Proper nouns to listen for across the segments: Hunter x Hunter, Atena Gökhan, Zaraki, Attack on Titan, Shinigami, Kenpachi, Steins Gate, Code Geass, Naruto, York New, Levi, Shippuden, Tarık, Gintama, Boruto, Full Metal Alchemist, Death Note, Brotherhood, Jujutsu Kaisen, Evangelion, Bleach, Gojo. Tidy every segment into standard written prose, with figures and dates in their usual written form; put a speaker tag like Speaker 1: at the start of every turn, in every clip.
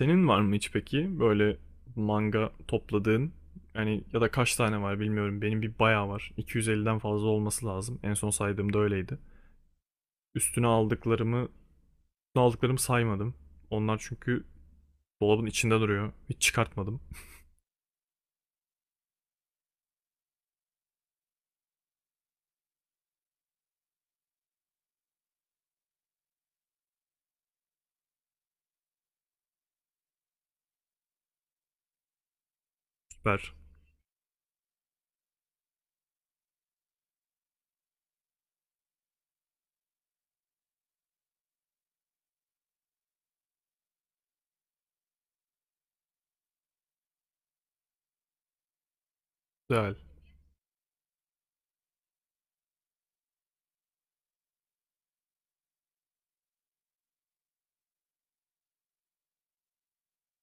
Speaker 1: Senin var mı hiç peki böyle manga topladığın? Yani ya da kaç tane var bilmiyorum. Benim bir bayağı var. 250'den fazla olması lazım. En son saydığımda öyleydi. Üstüne aldıklarımı, üstüne aldıklarımı saymadım. Onlar çünkü dolabın içinde duruyor. Hiç çıkartmadım. Süper. Güzel.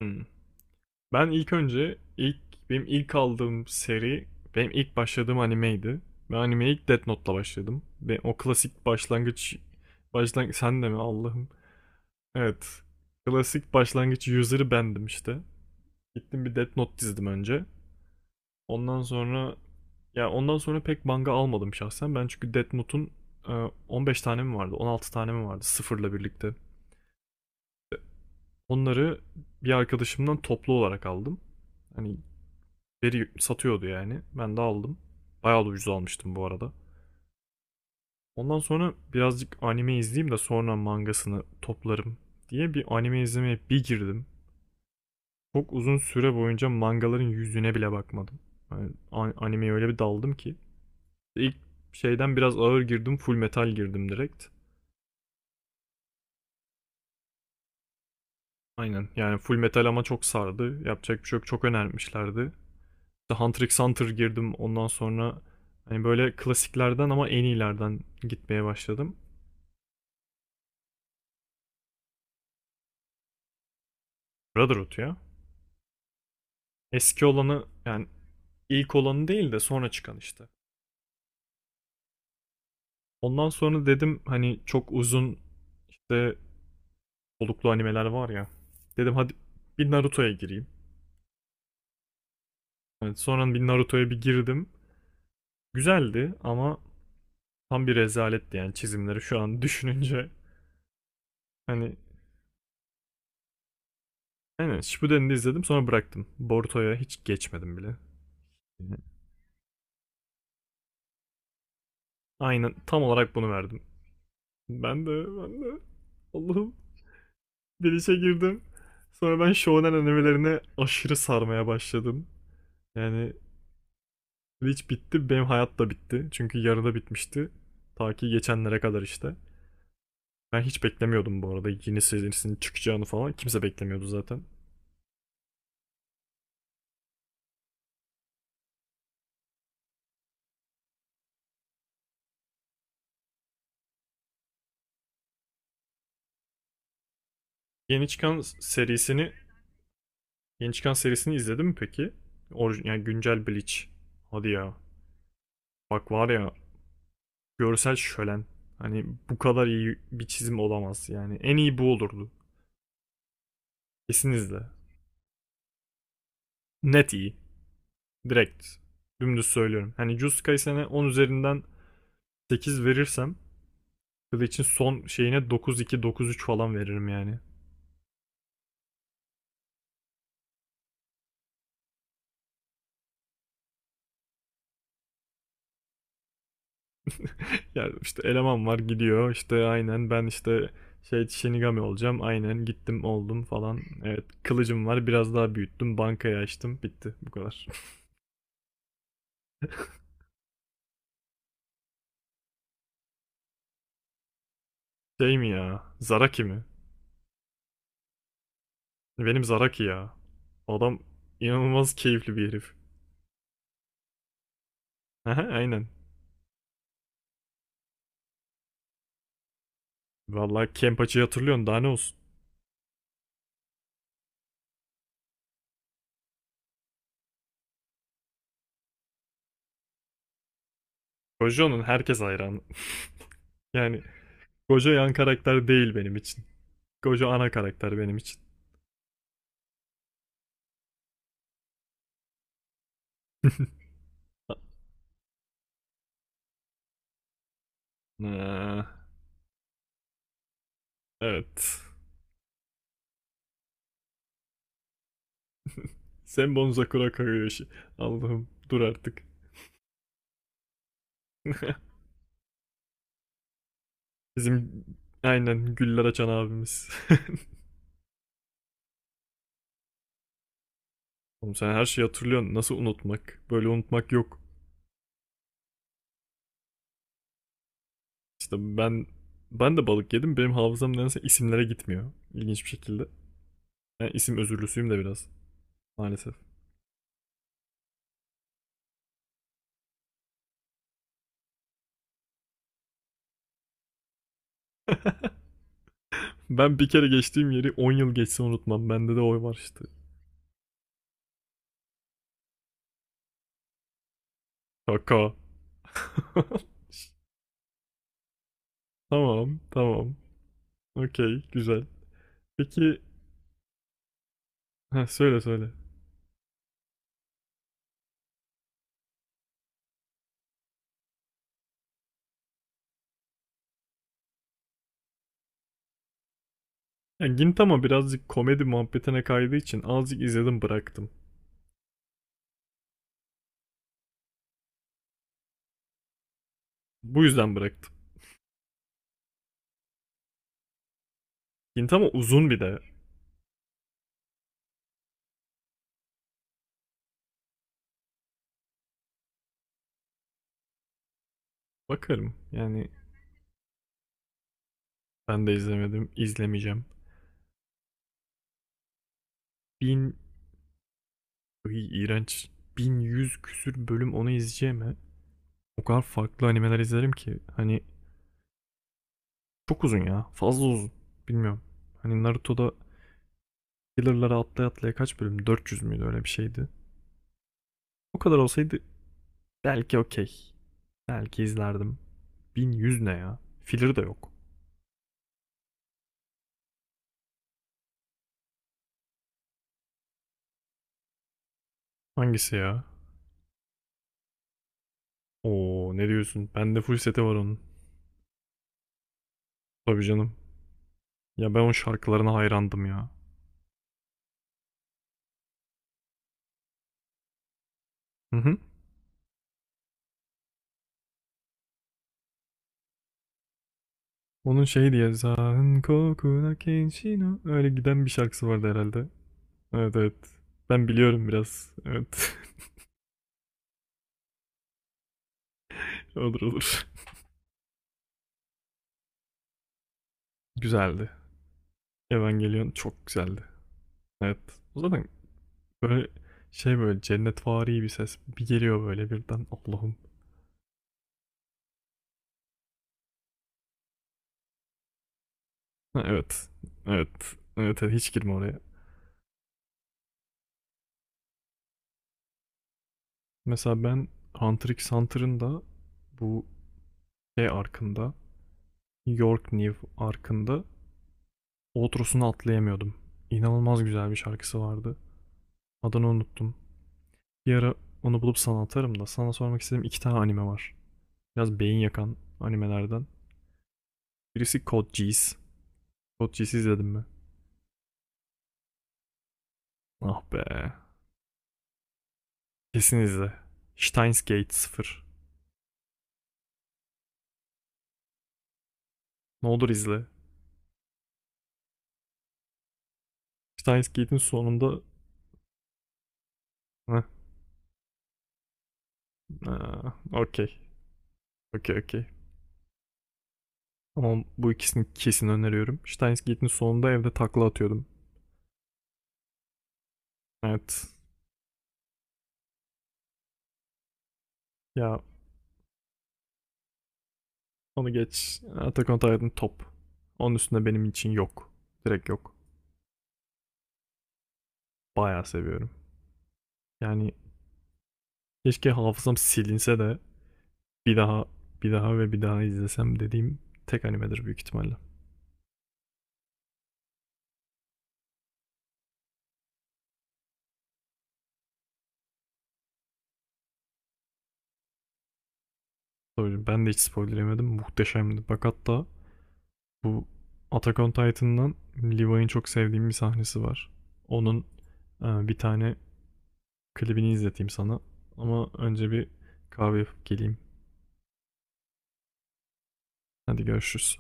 Speaker 1: Hmm. Ben ilk önce ilk benim ilk aldığım seri benim ilk başladığım animeydi. Ben animeye ilk Death Note'la başladım. Ve o klasik başlangıç sen de mi Allah'ım? Evet. Klasik başlangıç user'ı bendim işte. Gittim bir Death Note dizdim önce. Ondan sonra ondan sonra pek manga almadım şahsen. Ben çünkü Death Note'un e, 15 tane mi vardı, 16 tane mi vardı sıfırla birlikte. Onları bir arkadaşımdan toplu olarak aldım. Hani biri satıyordu yani. Ben de aldım. Bayağı da ucuz almıştım bu arada. Ondan sonra birazcık anime izleyeyim de sonra mangasını toplarım diye bir anime izlemeye bir girdim. Çok uzun süre boyunca mangaların yüzüne bile bakmadım. Yani animeye öyle bir daldım ki. İlk şeyden biraz ağır girdim, full metal girdim direkt. Aynen yani full metal ama çok sardı. Yapacak bir şey yok, çok önermişlerdi. İşte Hunter x Hunter girdim ondan sonra hani böyle klasiklerden ama en iyilerden gitmeye başladım. Brotherhood ya. Eski olanı yani ilk olanı değil de sonra çıkan işte. Ondan sonra dedim hani çok uzun işte soluklu animeler var ya. Dedim hadi bir Naruto'ya gireyim. Evet, sonra bir Naruto'ya bir girdim. Güzeldi ama tam bir rezaletti yani çizimleri şu an düşününce. Hani aynen Shippuden'i de izledim sonra bıraktım. Boruto'ya hiç geçmedim bile. Aynen tam olarak bunu verdim. Ben de Allah'ım bir işe girdim. Sonra ben shonen animelerine aşırı sarmaya başladım. Yani hiç bitti benim hayat da bitti. Çünkü yarıda bitmişti. Ta ki geçenlere kadar işte. Ben hiç beklemiyordum bu arada yeni serisinin çıkacağını falan. Kimse beklemiyordu zaten. Yeni çıkan serisini yeni çıkan serisini izledin mi peki? Orijin, yani güncel Bleach. Hadi ya. Bak var ya görsel şölen. Hani bu kadar iyi bir çizim olamaz. Yani en iyi bu olurdu. Kesin izle. Net iyi. Direkt. Dümdüz söylüyorum. Hani Jujutsu Kaisen'e 10 üzerinden 8 verirsem Bleach'in son şeyine dokuz iki dokuz üç falan veririm yani. Ya işte eleman var gidiyor işte aynen ben işte şey Shinigami olacağım aynen gittim oldum falan. Evet kılıcım var biraz daha büyüttüm bankayı açtım bitti bu kadar. Şey mi ya Zaraki mi? Benim Zaraki ya. Adam inanılmaz keyifli bir herif. Aha, aynen. Vallahi Kenpachi'yi hatırlıyorsun daha ne olsun. Gojo'nun herkes hayranı. Yani Gojo yan karakter değil benim için. Gojo ana karakter benim için. Ah, evet. Senbon Sakura Kagoyoshi. Allah'ım dur artık. Bizim aynen güller açan abimiz. Oğlum sen her şeyi hatırlıyorsun. Nasıl unutmak? Böyle unutmak yok. İşte ben de balık yedim. Benim hafızam nedense isimlere gitmiyor. İlginç bir şekilde. Ben isim özürlüsüyüm de biraz. Maalesef. Ben bir kere geçtiğim yeri 10 yıl geçse unutmam. Bende de oy var işte. Şaka. Tamam, tamam. Okey, güzel. Peki, ha, söyle söyle. Ya Gintama birazcık komedi muhabbetine kaydığı için azıcık izledim bıraktım. Bu yüzden bıraktım. Gintama uzun bir de. Bakarım. Yani ben de izlemedim. İzlemeyeceğim. Bin... Iy, iğrenç. 1.100 küsür bölüm onu izleyeceğim ha. O kadar farklı animeler izlerim ki. Hani çok uzun ya. Fazla uzun. Bilmiyorum. Hani Naruto'da Killer'lara atlaya atlaya kaç bölüm? 400 müydü öyle bir şeydi. O kadar olsaydı belki okey. Belki izlerdim. 1.100 ne ya? Filler de yok. Hangisi ya? Oo ne diyorsun? Bende full seti var onun. Tabii canım. Ya ben o şarkılarına hayrandım ya. Hı hı. Onun şey diye Zan kokuna kenshino öyle giden bir şarkısı vardı herhalde. Evet evet. Ben biliyorum biraz. Evet. Olur olur. Güzeldi. Evangelion çok güzeldi. Evet. O zaten böyle şey böyle cennetvari bir ses bir geliyor böyle birden. Allah'ım. Ha, evet. Evet. Evet, evet hiç girme oraya. Mesela ben Hunter x Hunter'ın da bu şey arkında York New arkında outrosunu atlayamıyordum. İnanılmaz güzel bir şarkısı vardı. Adını unuttum. Bir ara onu bulup sana atarım da sana sormak istediğim iki tane anime var. Biraz beyin yakan animelerden. Birisi Code Geass. Code Geass'i izledin mi? Ah be. Kesin izle. Steins Gate sıfır. Ne olur izle. Steins Gate'in sonunda... Heh, aa, okey. Okey okey. Ama bu ikisini kesin öneriyorum. Steins Gate'in sonunda evde takla atıyordum. Evet. Ya onu geç. Attack on Titan top. Onun üstünde benim için yok. Direkt yok. Bayağı seviyorum. Yani keşke hafızam silinse de bir daha bir daha ve bir daha izlesem dediğim tek animedir büyük ihtimalle. Tabii ben de hiç spoiler yemedim. Muhteşemdi. Bak hatta bu Attack on Titan'dan Levi'nin çok sevdiğim bir sahnesi var. Onun bir tane klibini izleteyim sana. Ama önce bir kahve yapıp geleyim. Hadi görüşürüz.